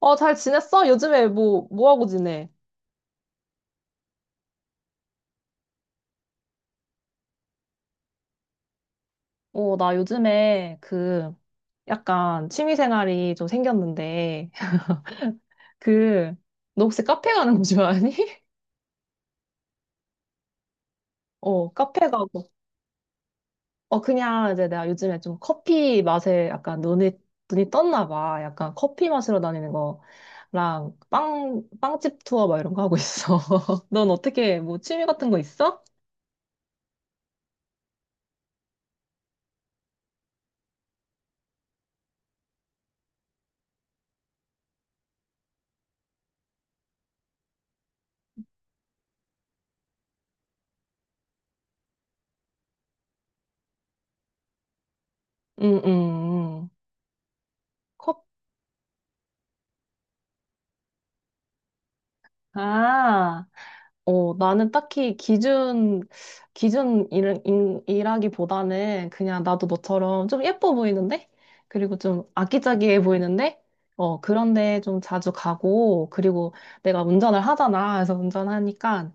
어, 잘 지냈어? 요즘에 뭐 하고 지내? 어, 나 요즘에 그 약간 취미 생활이 좀 생겼는데 그 너 혹시 카페 가는 거 좋아하니? 어, 카페 가고. 어, 그냥 이제 내가 요즘에 좀 커피 맛에 약간 눈이 떴나 봐. 약간 커피 마시러 다니는 거랑 빵 빵집 투어 막 이런 거 하고 있어. 넌 어떻게 뭐 취미 같은 거 있어? 응, 응, 응. 커 아. 어, 나는 딱히 기준 일하기보다는 그냥 나도 너처럼 좀 예뻐 보이는데? 그리고 좀 아기자기해 보이는데? 어, 그런데 좀 자주 가고, 그리고 내가 운전을 하잖아. 그래서 운전하니까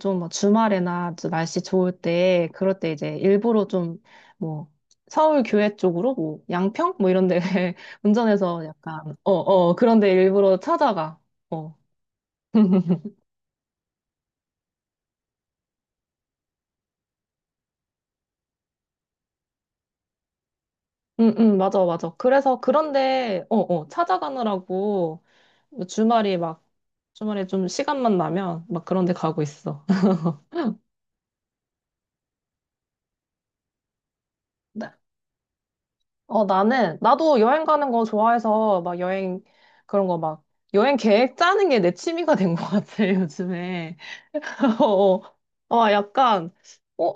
좀막 주말에나 좀 날씨 좋을 때, 그럴 때 이제 일부러 좀 뭐, 서울 교외 쪽으로 뭐, 양평? 뭐 이런 데 운전해서 약간, 그런 데 일부러 찾아가. 어. 응, 응, 맞아, 맞아. 그래서 그런데, 찾아가느라고 뭐 주말이 막, 주말에 좀 시간만 나면 막 그런 데 가고 있어. 나- 어, 나도 여행 가는 거 좋아해서 막 여행, 그런 거 막, 여행 계획 짜는 게 내 취미가 된 것 같아, 요즘에. 어, 어, 약간, 어,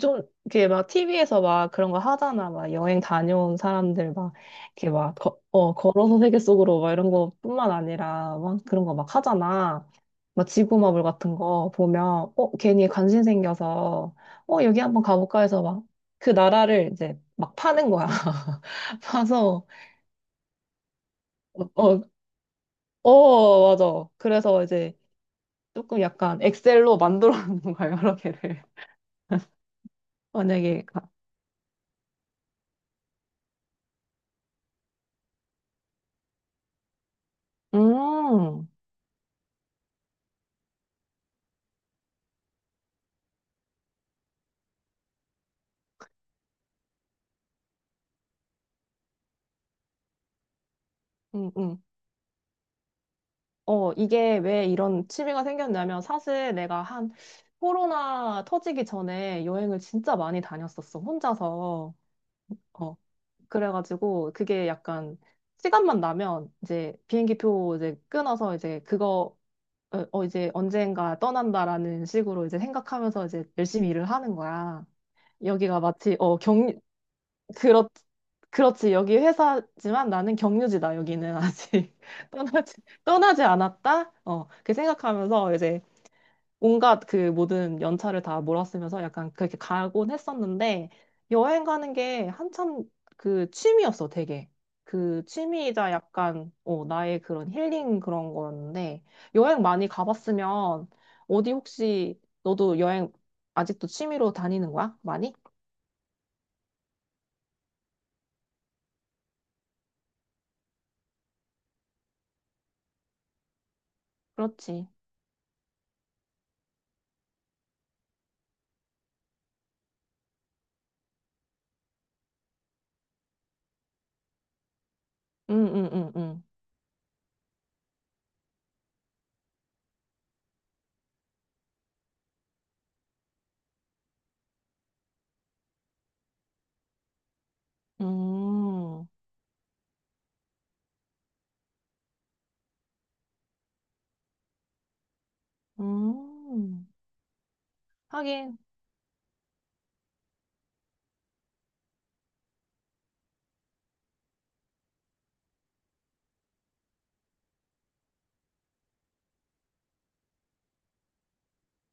좀, 이렇게 막 TV에서 막 그런 거 하잖아. 막 여행 다녀온 사람들 막, 이렇게 막, 걸어서 세계 속으로 막 이런 거뿐만 아니라 막 그런 거 막 하잖아. 막 지구마블 같은 거 보면, 어, 괜히 관심 생겨서, 어, 여기 한번 가볼까 해서 막 그 나라를 이제 막 파는 거야. 파서, 어, 어, 어, 맞아. 그래서 이제 조금 약간 엑셀로 만들어 놓는 거야, 여러 개를. 만약에 음, 음, 음. 어, 이게 왜 이런 취미가 생겼냐면 사실 내가 한 코로나 터지기 전에 여행을 진짜 많이 다녔었어, 혼자서. 어, 그래가지고 그게 약간 시간만 나면 이제 비행기표 이제 끊어서 이제 그거, 이제 언젠가 떠난다라는 식으로 이제 생각하면서 이제 열심히 일을 하는 거야. 여기가 마치 그렇, 그렇지. 여기 회사지만 나는 경유지다. 여기는 아직 떠나지, 떠나지 않았다. 어, 그렇게 생각하면서 이제 온갖 그 모든 연차를 다 몰아쓰면서 약간 그렇게 가곤 했었는데 여행 가는 게 한참 그 취미였어, 되게. 그 취미이자 약간 나의 그런 힐링 그런 거였는데 여행 많이 가봤으면 어디 혹시 너도 여행 아직도 취미로 다니는 거야? 많이? 그렇지. 응, 응, 응, 응. 음, 음, 하긴,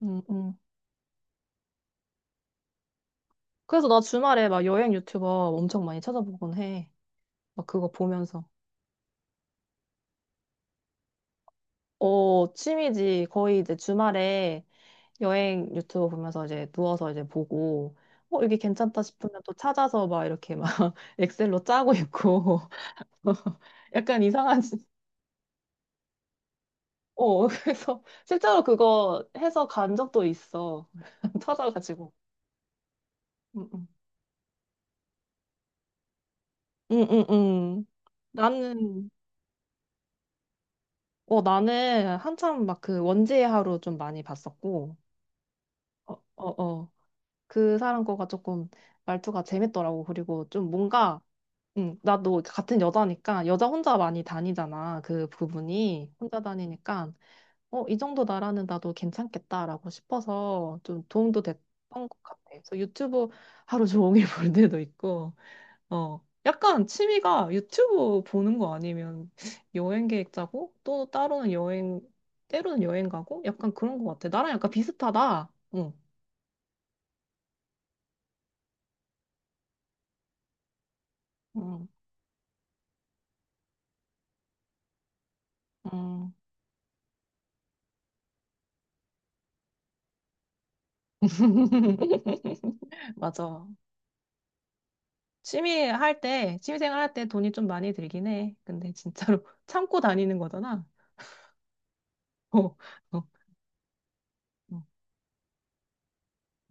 음, 음. 그래서 나 주말에 막 여행 유튜버 엄청 많이 찾아보곤 해. 막 그거 보면서. 어, 취미지. 거의 이제 주말에 여행 유튜브 보면서 이제 누워서 이제 보고, 어, 이게 괜찮다 싶으면 또 찾아서 막 이렇게 막 엑셀로 짜고 있고. 약간 이상한, 어, 그래서 실제로 그거 해서 간 적도 있어. 찾아가지고. 응, 응, 응, 응. 응. 나는, 나는 한참 막 그 원지의 하루 좀 많이 봤었고, 어, 어, 어. 그 사람 거가 조금 말투가 재밌더라고. 그리고 좀 뭔가, 응, 나도 같은 여자니까, 여자 혼자 많이 다니잖아. 그 부분이. 혼자 다니니까, 어, 이 정도 나라는 나도 괜찮겠다라고 싶어서 좀 도움도 됐던 것 같아. 그래서 유튜브 하루 종일 볼 때도 있고, 어, 약간 취미가 유튜브 보는 거 아니면 여행 계획 짜고 또 따로는 여행, 때로는 여행 가고 약간 그런 거 같아. 나랑 약간 비슷하다. 응. 응, 응. 맞아. 취미 생활 할 때 돈이 좀 많이 들긴 해. 근데 진짜로 참고 다니는 거잖아. 어, 어, 음.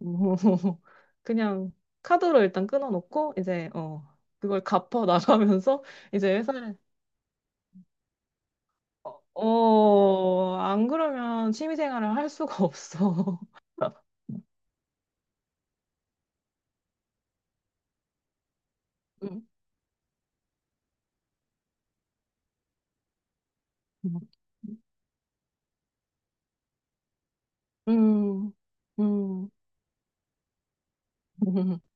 어. 그냥 카드로 일단 끊어놓고 이제 그걸 갚아 나가면서 이제 회사를 어, 안 그러면 취미생활을 할 수가 없어. 음, 음, 음.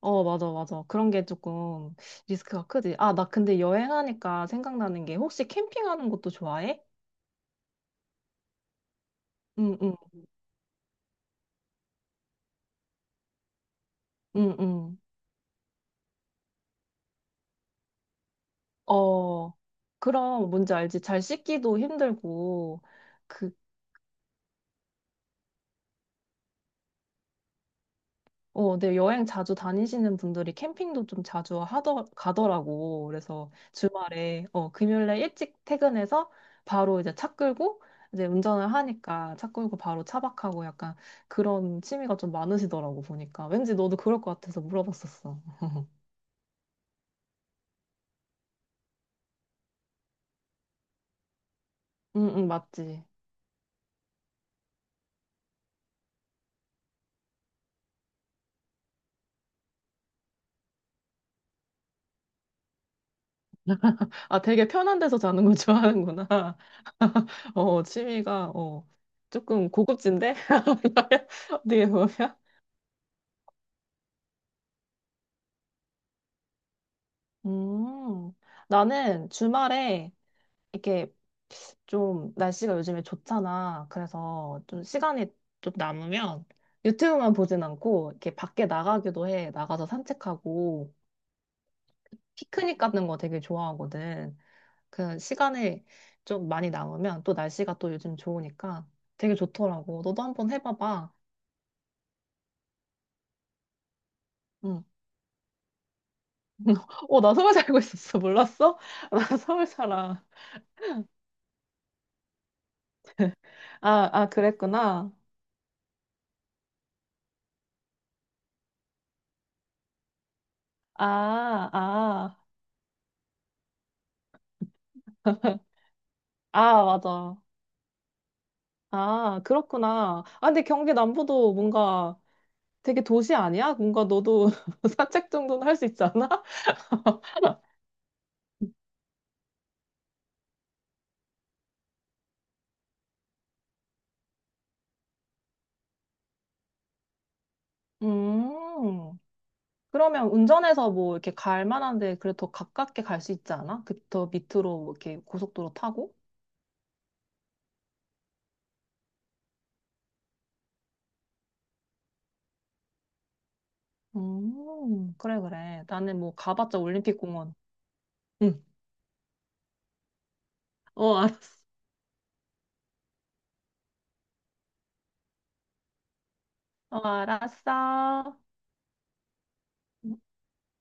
어, 맞아, 맞아. 그런 게 조금 리스크가 크지. 아, 나 근데 여행하니까 생각나는 게 혹시 캠핑하는 것도 좋아해? 응, 응, 응, 응. 어, 그럼 뭔지 알지? 잘 씻기도 힘들고, 그, 네, 여행 자주 다니시는 분들이 캠핑도 좀 자주 가더라고. 그래서 주말에, 금요일에 일찍 퇴근해서 바로 이제 차 끌고, 이제 운전을 하니까 차 끌고 바로 차박하고 약간 그런 취미가 좀 많으시더라고, 보니까. 왠지 너도 그럴 것 같아서 물어봤었어. 응, 응, 맞지. 아, 되게 편한 데서 자는 거 좋아하는구나. 어, 취미가, 조금 고급진데? 어떻게 보면. 음, 나는 주말에 이게 좀 날씨가 요즘에 좋잖아. 그래서 좀 시간이 좀 남으면 유튜브만 보진 않고 이렇게 밖에 나가기도 해. 나가서 산책하고 피크닉 가는 거 되게 좋아하거든. 그 시간이 좀 많이 남으면 또 날씨가 또 요즘 좋으니까 되게 좋더라고. 너도 한번 해봐봐. 응. 어, 나 서울 살고 있었어. 몰랐어? 나 서울 살아. 아, 아, 그랬구나. 아, 아, 아, 맞아. 아, 그렇구나. 아, 근데 경기 남부도 뭔가 되게 도시 아니야? 뭔가 너도 산책 정도는 할 수 있지 않아? 음, 그러면 운전해서 뭐 이렇게 갈 만한 데 그래도 더 가깝게 갈 수 있지 않아? 그 더 밑으로 뭐 이렇게 고속도로 타고? 그래, 그래. 나는 뭐 가봤자 올림픽공원. 응, 어, 알았어. 어, 알았어.